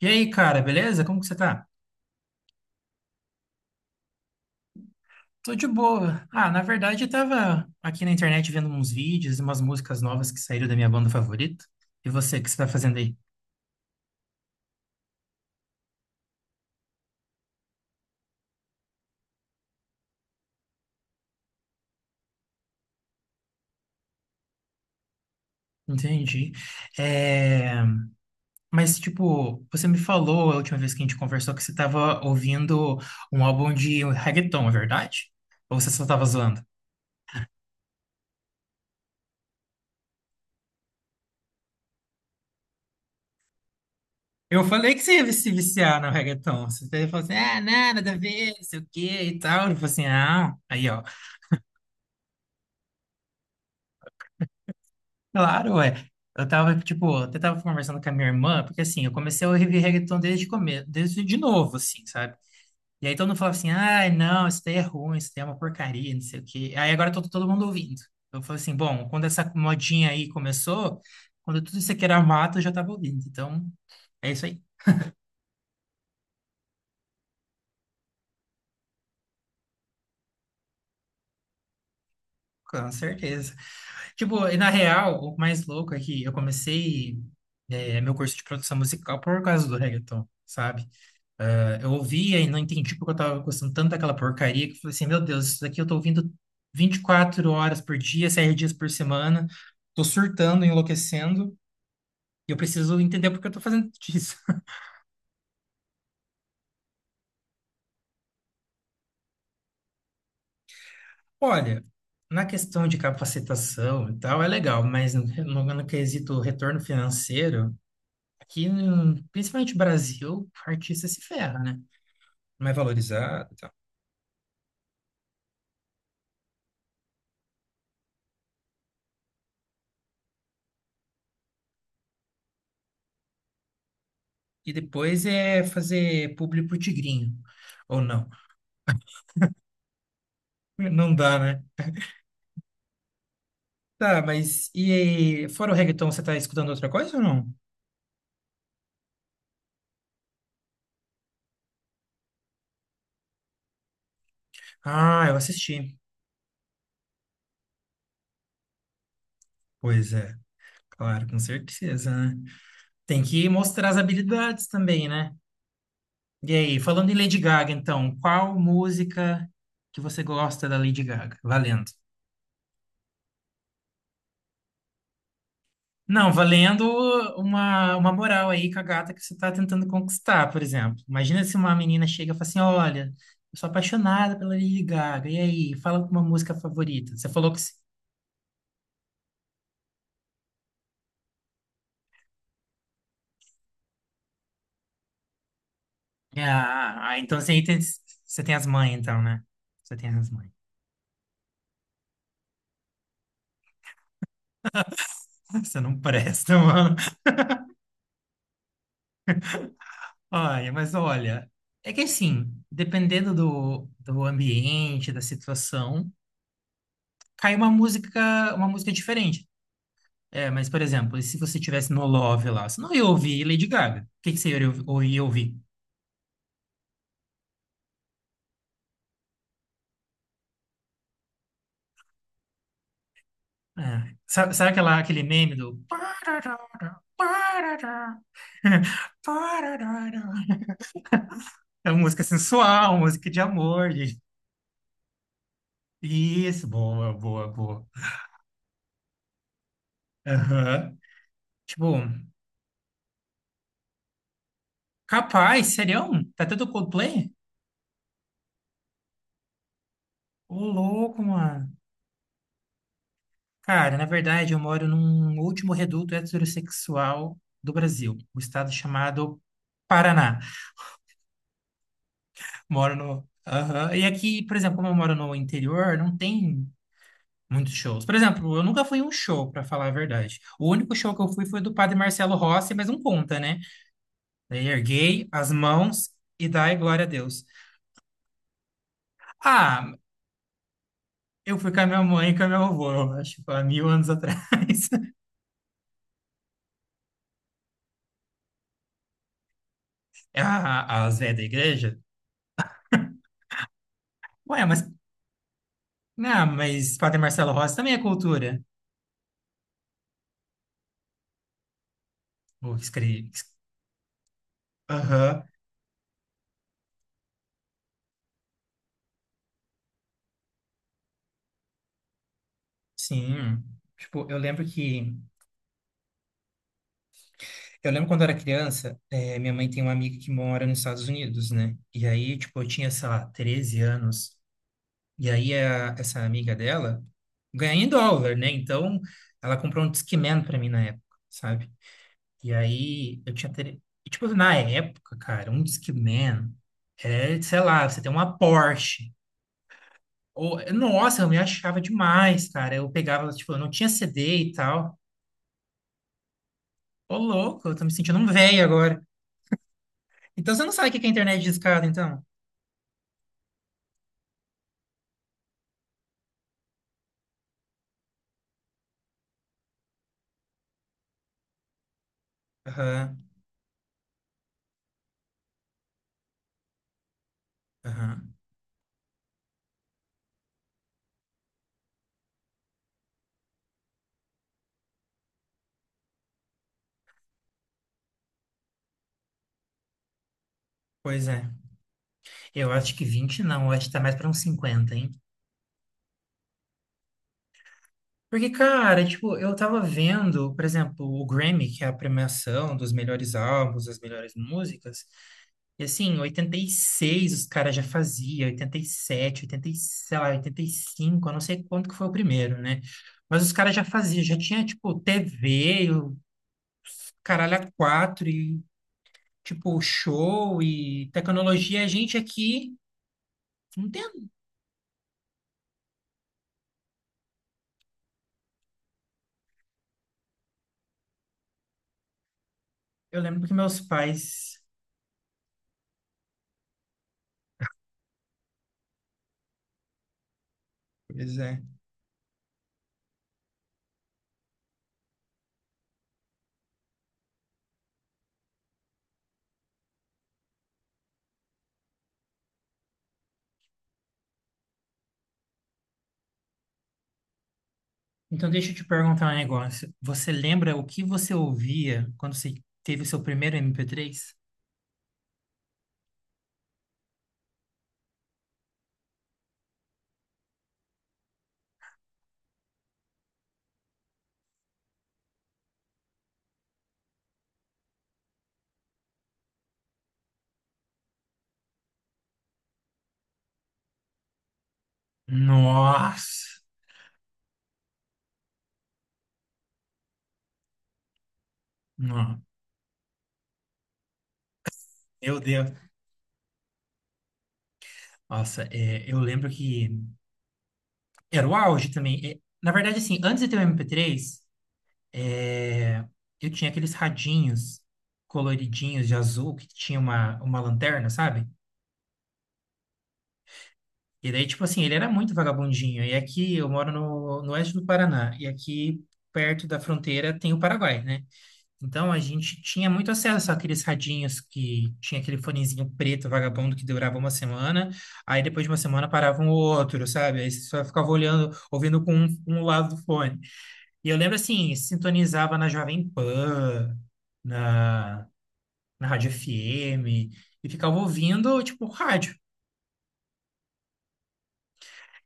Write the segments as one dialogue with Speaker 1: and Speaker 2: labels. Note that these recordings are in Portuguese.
Speaker 1: E aí, cara, beleza? Como que você tá? Tô de boa. Ah, na verdade, eu tava aqui na internet vendo uns vídeos e umas músicas novas que saíram da minha banda favorita. E você, o que você tá fazendo aí? Entendi. É, mas, tipo, você me falou a última vez que a gente conversou que você tava ouvindo um álbum de reggaeton, é verdade? Ou você só tava zoando? Eu falei que você ia se viciar no reggaeton. Você até falou assim, ah, não, nada a ver, não sei o quê e tal. Eu falei assim, ah, aí, ó. Claro, é. Tipo, eu até tava conversando com a minha irmã, porque assim, eu comecei a ouvir reggaeton desde o começo, desde de novo, assim, sabe? E aí todo mundo falava assim, ai, não, isso daí é ruim, isso daí é uma porcaria, não sei o quê. Aí agora todo mundo ouvindo. Eu falei assim, bom, quando essa modinha aí começou, quando tudo isso aqui era mato, eu já tava ouvindo. Então, é isso aí, com certeza. Tipo, e na real, o mais louco é que eu comecei, meu curso de produção musical por causa do reggaeton, sabe? Eu ouvia e não entendi porque eu tava gostando tanto daquela porcaria que eu falei assim, meu Deus, isso daqui eu tô ouvindo 24 horas por dia, 7 dias por semana, tô surtando, enlouquecendo, e eu preciso entender porque eu tô fazendo isso. Olha, na questão de capacitação e tal, é legal, mas no quesito retorno financeiro, aqui, no- principalmente no Brasil, o artista se ferra, né? Não é valorizado e tal. E depois é fazer público pro tigrinho, ou não. Não dá, né? Tá, mas e fora o reggaeton, você tá escutando outra coisa ou não? Ah, eu assisti. Pois é, claro, com certeza, né? Tem que mostrar as habilidades também, né? E aí, falando em Lady Gaga, então, qual música que você gosta da Lady Gaga? Valendo. Não, valendo uma moral aí com a gata que você tá tentando conquistar, por exemplo. Imagina se uma menina chega e fala assim, olha, eu sou apaixonada pela Lady Gaga, e aí, fala uma música favorita. Você falou que. É, Ah, então você tem as mães, então, né? Você tem as mães. Você não presta, mano. Olha, mas olha, é que assim, dependendo do ambiente, da situação, cai uma música diferente. É, mas, por exemplo, e se você tivesse no Love lá, você não ia ouvir Lady Gaga. O que que você ou ia ouvir? É. Sabe aquele meme do. É uma música sensual, música de amor, de. Isso, boa, boa, boa. Aham. Tipo, capaz, serião? Tá tudo Coldplay? Ô, louco, mano. Cara, na verdade, eu moro num último reduto heterossexual do Brasil, o estado chamado Paraná. Moro no. Aham. E aqui, por exemplo, como eu moro no interior, não tem muitos shows. Por exemplo, eu nunca fui em um show, pra falar a verdade. O único show que eu fui foi do Padre Marcelo Rossi, mas não conta, né? Daí erguei as mãos e dai glória a Deus. Ah, eu fui com a minha mãe e com a minha avó, eu acho, há mil anos atrás. As velhas da igreja. Ué, mas, não, mas Padre Marcelo Rossi também é cultura. O que escre- que es- Aham, sim. Tipo, eu lembro quando eu era criança, minha mãe tem uma amiga que mora nos Estados Unidos, né? E aí, tipo, eu tinha, sei lá, 13 anos. E aí, essa amiga dela ganha em dólar, né? Então, ela comprou um Discman pra mim na época, sabe? E aí eu tinha. Ter. E, tipo, na época, cara, um Discman é, sei lá, você tem uma Porsche. Ou, nossa, eu me achava demais, cara. Eu pegava, tipo, eu não tinha CD e tal. Ô, louco, eu tô me sentindo um velho agora. Então você não sabe o que que é internet discada, então? Aham, aham. Pois é. Eu acho que 20 não, eu acho que tá mais pra uns 50, hein? Porque, cara, tipo, eu tava vendo, por exemplo, o Grammy, que é a premiação dos melhores álbuns, das melhores músicas. E assim, em 86 os caras já faziam, 87 sei lá, 85, eu não sei quanto que foi o primeiro, né? Mas os caras já faziam, já tinha, tipo, TV, o caralho a quatro, e, tipo, show e tecnologia. A gente aqui, não tem. Eu lembro que meus pais. Pois é. Então deixa eu te perguntar um negócio. Você lembra o que você ouvia quando você teve o seu primeiro MP3? Nossa! Não. Meu Deus. Nossa, é, eu lembro que era o auge também. É, na verdade, assim, antes de ter o MP3, eu tinha aqueles radinhos coloridinhos de azul que tinha uma lanterna, sabe? E daí, tipo assim, ele era muito vagabundinho. E aqui eu moro no oeste do Paraná, e aqui perto da fronteira tem o Paraguai, né? Então a gente tinha muito acesso àqueles radinhos que tinha aquele fonezinho preto vagabundo que durava uma semana, aí depois de uma semana parava um outro, sabe? Aí você só ficava olhando, ouvindo com um lado do fone. E eu lembro assim, sintonizava na Jovem Pan, na, na Rádio FM, e ficava ouvindo, tipo, rádio.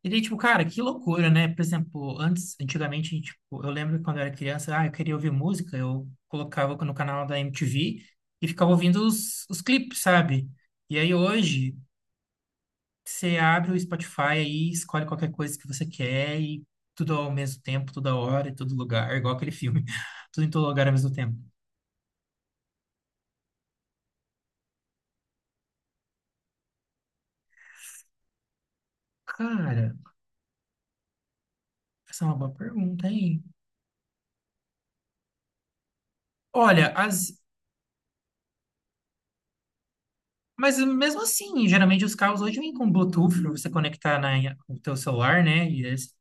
Speaker 1: E daí, tipo, cara, que loucura, né? Por exemplo, antes, antigamente, tipo, eu lembro que quando eu era criança, ah, eu queria ouvir música, eu colocava no canal da MTV e ficava ouvindo os clipes, sabe? E aí hoje, você abre o Spotify aí, escolhe qualquer coisa que você quer e tudo ao mesmo tempo, toda hora, em todo lugar, igual aquele filme, tudo em todo lugar ao mesmo tempo. Cara, essa é uma boa pergunta, hein? Olha, as. Mas mesmo assim, geralmente os carros hoje vêm com Bluetooth pra você conectar o teu celular, né? E eles.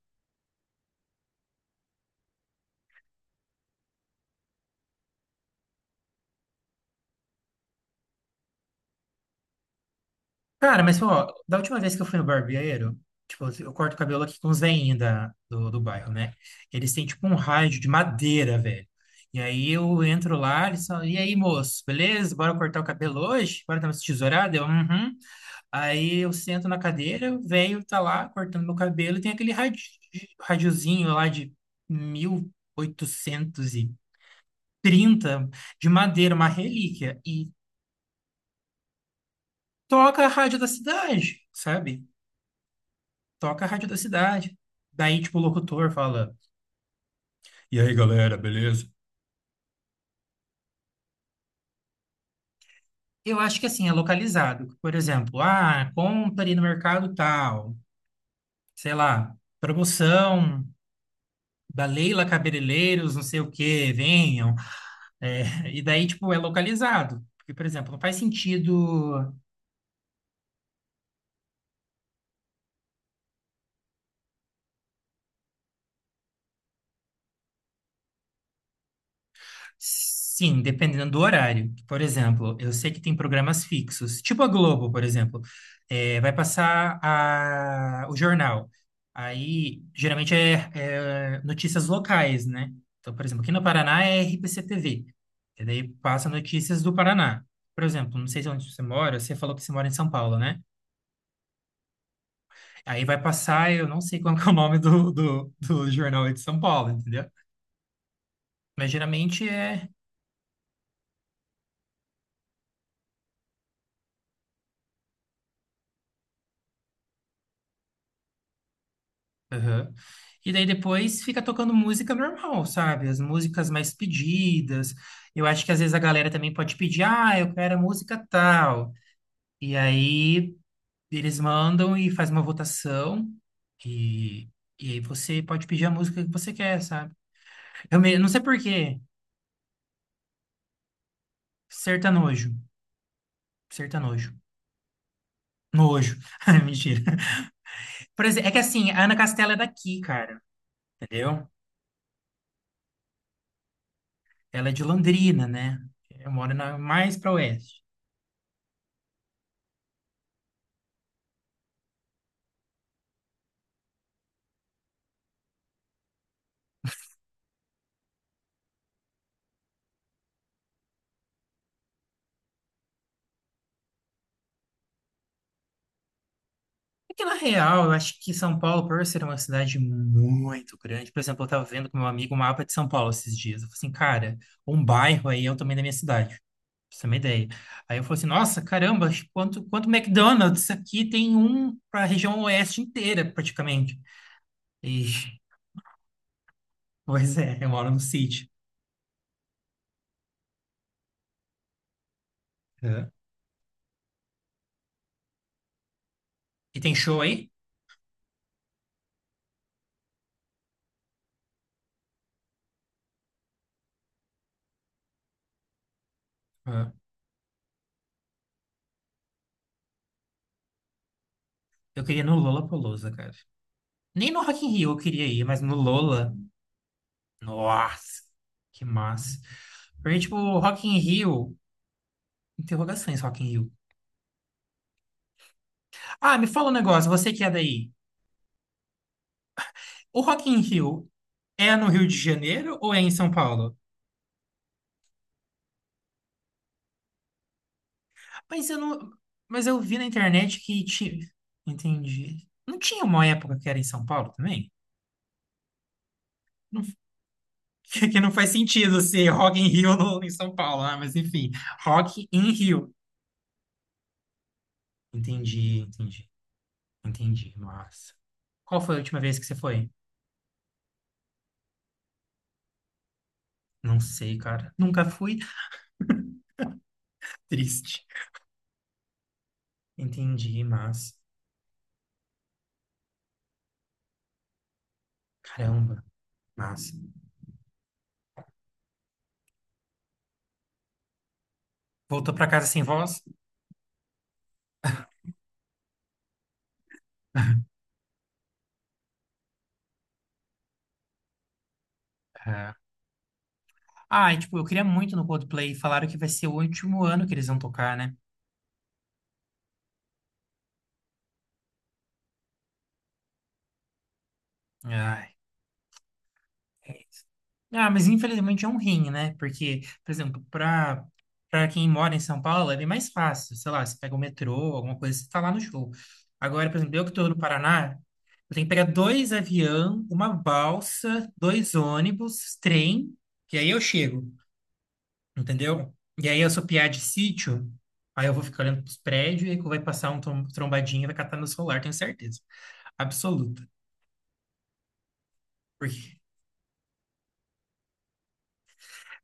Speaker 1: Cara, mas ó, da última vez que eu fui no barbeiro, tipo, eu corto o cabelo aqui com os veinhos do bairro, né? Eles têm tipo um rádio de madeira, velho. E aí eu entro lá, eles falam, e aí, moço, beleza? Bora cortar o cabelo hoje? Bora dar uma tesourada? Eu, uhum. Aí eu sento na cadeira, o velho tá lá cortando meu cabelo, e tem aquele radiozinho lá de 1830 de madeira, uma relíquia, e toca a rádio da cidade, sabe? Toca a rádio da cidade. Daí, tipo, o locutor fala: e aí, galera, beleza? Eu acho que assim, é localizado. Por exemplo, ah, compre no mercado tal, sei lá, promoção da Leila Cabeleireiros, não sei o quê, venham. É, e daí, tipo, é localizado. Porque, por exemplo, não faz sentido. Sim, dependendo do horário. Por exemplo, eu sei que tem programas fixos, tipo a Globo, por exemplo. É, vai passar o jornal. Aí, geralmente, é notícias locais, né? Então, por exemplo, aqui no Paraná é RPC TV. E daí passa notícias do Paraná. Por exemplo, não sei onde você mora, você falou que você mora em São Paulo, né? Aí vai passar, eu não sei qual que é o nome do jornal aí de São Paulo, entendeu? Mas geralmente é. Aham. E daí depois fica tocando música normal, sabe? As músicas mais pedidas. Eu acho que às vezes a galera também pode pedir, ah, eu quero a música tal. E aí eles mandam e faz uma votação. E, e aí você pode pedir a música que você quer, sabe? Eu não sei por quê. Sertanojo. Sertanojo. Nojo. Ah, mentira. Por exemplo, é que assim, a Ana Castela é daqui, cara. Entendeu? Ela é de Londrina, né? Eu moro mais para oeste. É que, na real, eu acho que São Paulo, por ser uma cidade muito grande, por exemplo, eu estava vendo com meu amigo o mapa de São Paulo esses dias. Eu falei assim, cara, um bairro aí é o tamanho da minha cidade, pra você ter uma ideia. Aí eu falei assim, nossa, caramba, quanto McDonald's aqui tem um para a região oeste inteira, praticamente. E, pois é, eu moro no sítio. É. E tem show aí? É. Eu queria ir no Lollapalooza, cara. Nem no Rock in Rio eu queria ir, mas no Lola, nossa, que massa. Porque, tipo, o Rock in Rio. Interrogações, Rock in Rio. Ah, me fala um negócio, você que é daí. O Rock in Rio é no Rio de Janeiro ou é em São Paulo? Mas eu não, mas eu vi na internet que tinha, entendi. Não tinha uma época que era em São Paulo também? Não- que não faz sentido ser Rock in Rio no, em São Paulo, né? Mas enfim, Rock in Rio. Entendi, entendi, entendi. Nossa. Qual foi a última vez que você foi? Não sei, cara. Nunca fui. Triste. Entendi, mas caramba, mas voltou pra casa sem voz? É. Ah, e, tipo, eu queria muito no Coldplay. Falaram que vai ser o último ano que eles vão tocar, né? Ai. Ah, mas infelizmente é um rim, né? Porque, por exemplo, pra quem mora em São Paulo é bem mais fácil. Sei lá, você pega o metrô, alguma coisa, você tá lá no show. Agora, por exemplo, eu que tô no Paraná, eu tenho que pegar dois avião, uma balsa, dois ônibus, trem, que aí eu chego. Entendeu? E aí eu sou piá de sítio, aí eu vou ficar olhando pros prédios e aí vai passar um trombadinho e vai catar meu celular, tenho certeza. Absoluta. Porque,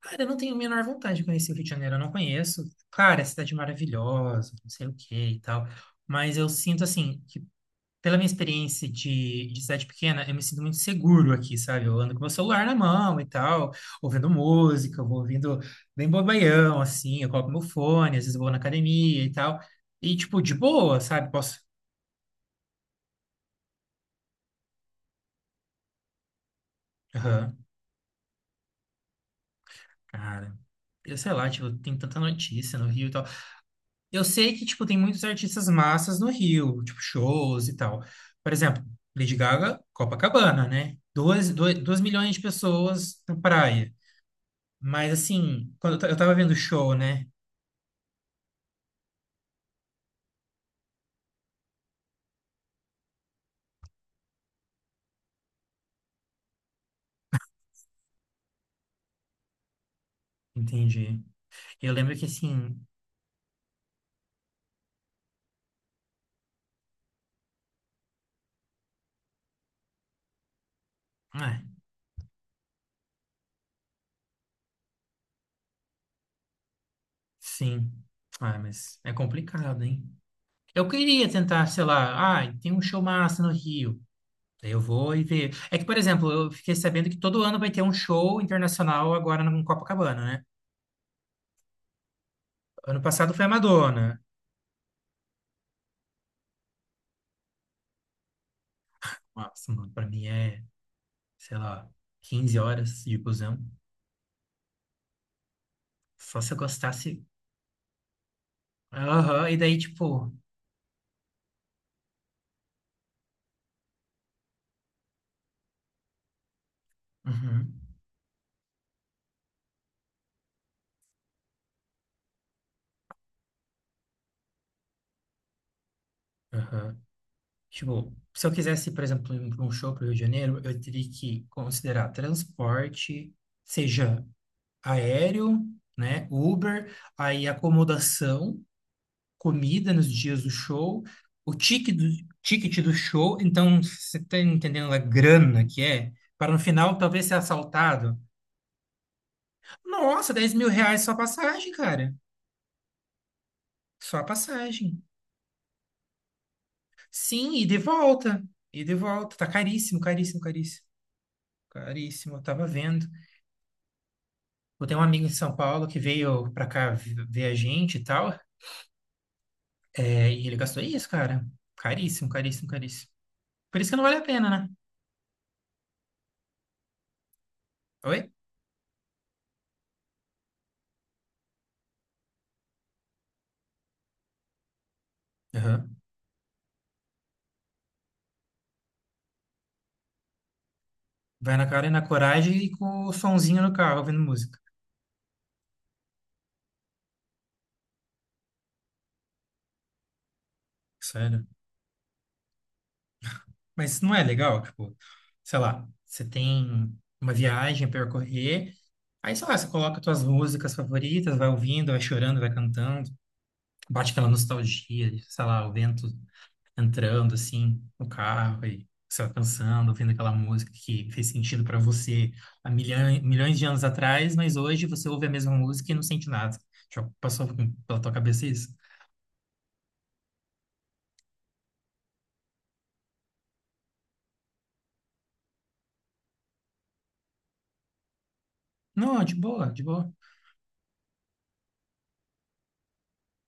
Speaker 1: cara, eu não tenho a menor vontade de conhecer o Rio de Janeiro, eu não conheço. Claro, é cidade maravilhosa, não sei o que e tal. Mas eu sinto assim, que pela minha experiência de cidade pequena, eu me sinto muito seguro aqui, sabe? Eu ando com meu celular na mão e tal, ouvindo música, eu vou ouvindo bem bobaião, assim, eu coloco meu fone, às vezes eu vou na academia e tal. E, tipo, de boa, sabe? Posso. Aham, cara. Eu sei lá, tipo, tem tanta notícia no Rio e tal. Eu sei que, tipo, tem muitos artistas massas no Rio, tipo, shows e tal. Por exemplo, Lady Gaga, Copacabana, né? 2 milhões de pessoas na praia. Mas assim, quando eu tava vendo o show, né? Entendi. Eu lembro que assim, ah, sim. Ah, mas é complicado, hein? Eu queria tentar, sei lá, ah, tem um show massa no Rio. Daí eu vou e ver. É que, por exemplo, eu fiquei sabendo que todo ano vai ter um show internacional agora no Copacabana, né? Ano passado foi a Madonna. Nossa, mano, pra mim é, sei lá, 15 horas de busão. Só se eu gostasse. Aham, e daí, tipo. Uhum, aham. Tipo, se eu quisesse, por exemplo, ir para um show para o Rio de Janeiro, eu teria que considerar transporte, seja aéreo, né, Uber, aí acomodação, comida nos dias do show, o ticket do, ticket do show. Então, você está entendendo a grana que é? Para no final talvez ser assaltado. Nossa, R$ 10.000 só a passagem, cara. Só a passagem. Sim, e de volta. E de volta. Tá caríssimo, caríssimo, caríssimo. Caríssimo, eu tava vendo. Eu tenho um amigo em São Paulo que veio pra cá ver a gente e tal, é, e ele gastou isso, cara. Caríssimo, caríssimo, caríssimo. Por isso que não vale a pena, né? Oi? Aham. Vai na cara e na coragem e com o sonzinho no carro ouvindo música. Sério. Mas não é legal, tipo, sei lá, você tem uma viagem a percorrer, aí sei lá, você coloca suas músicas favoritas, vai ouvindo, vai chorando, vai cantando, bate aquela nostalgia, sei lá, o vento entrando assim no carro e você vai pensando, ouvindo aquela música que fez sentido para você há milhões, milhões de anos atrás, mas hoje você ouve a mesma música e não sente nada. Já passou pela tua cabeça isso? Não, de boa, de boa.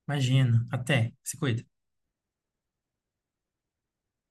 Speaker 1: Imagina. Até. Se cuida.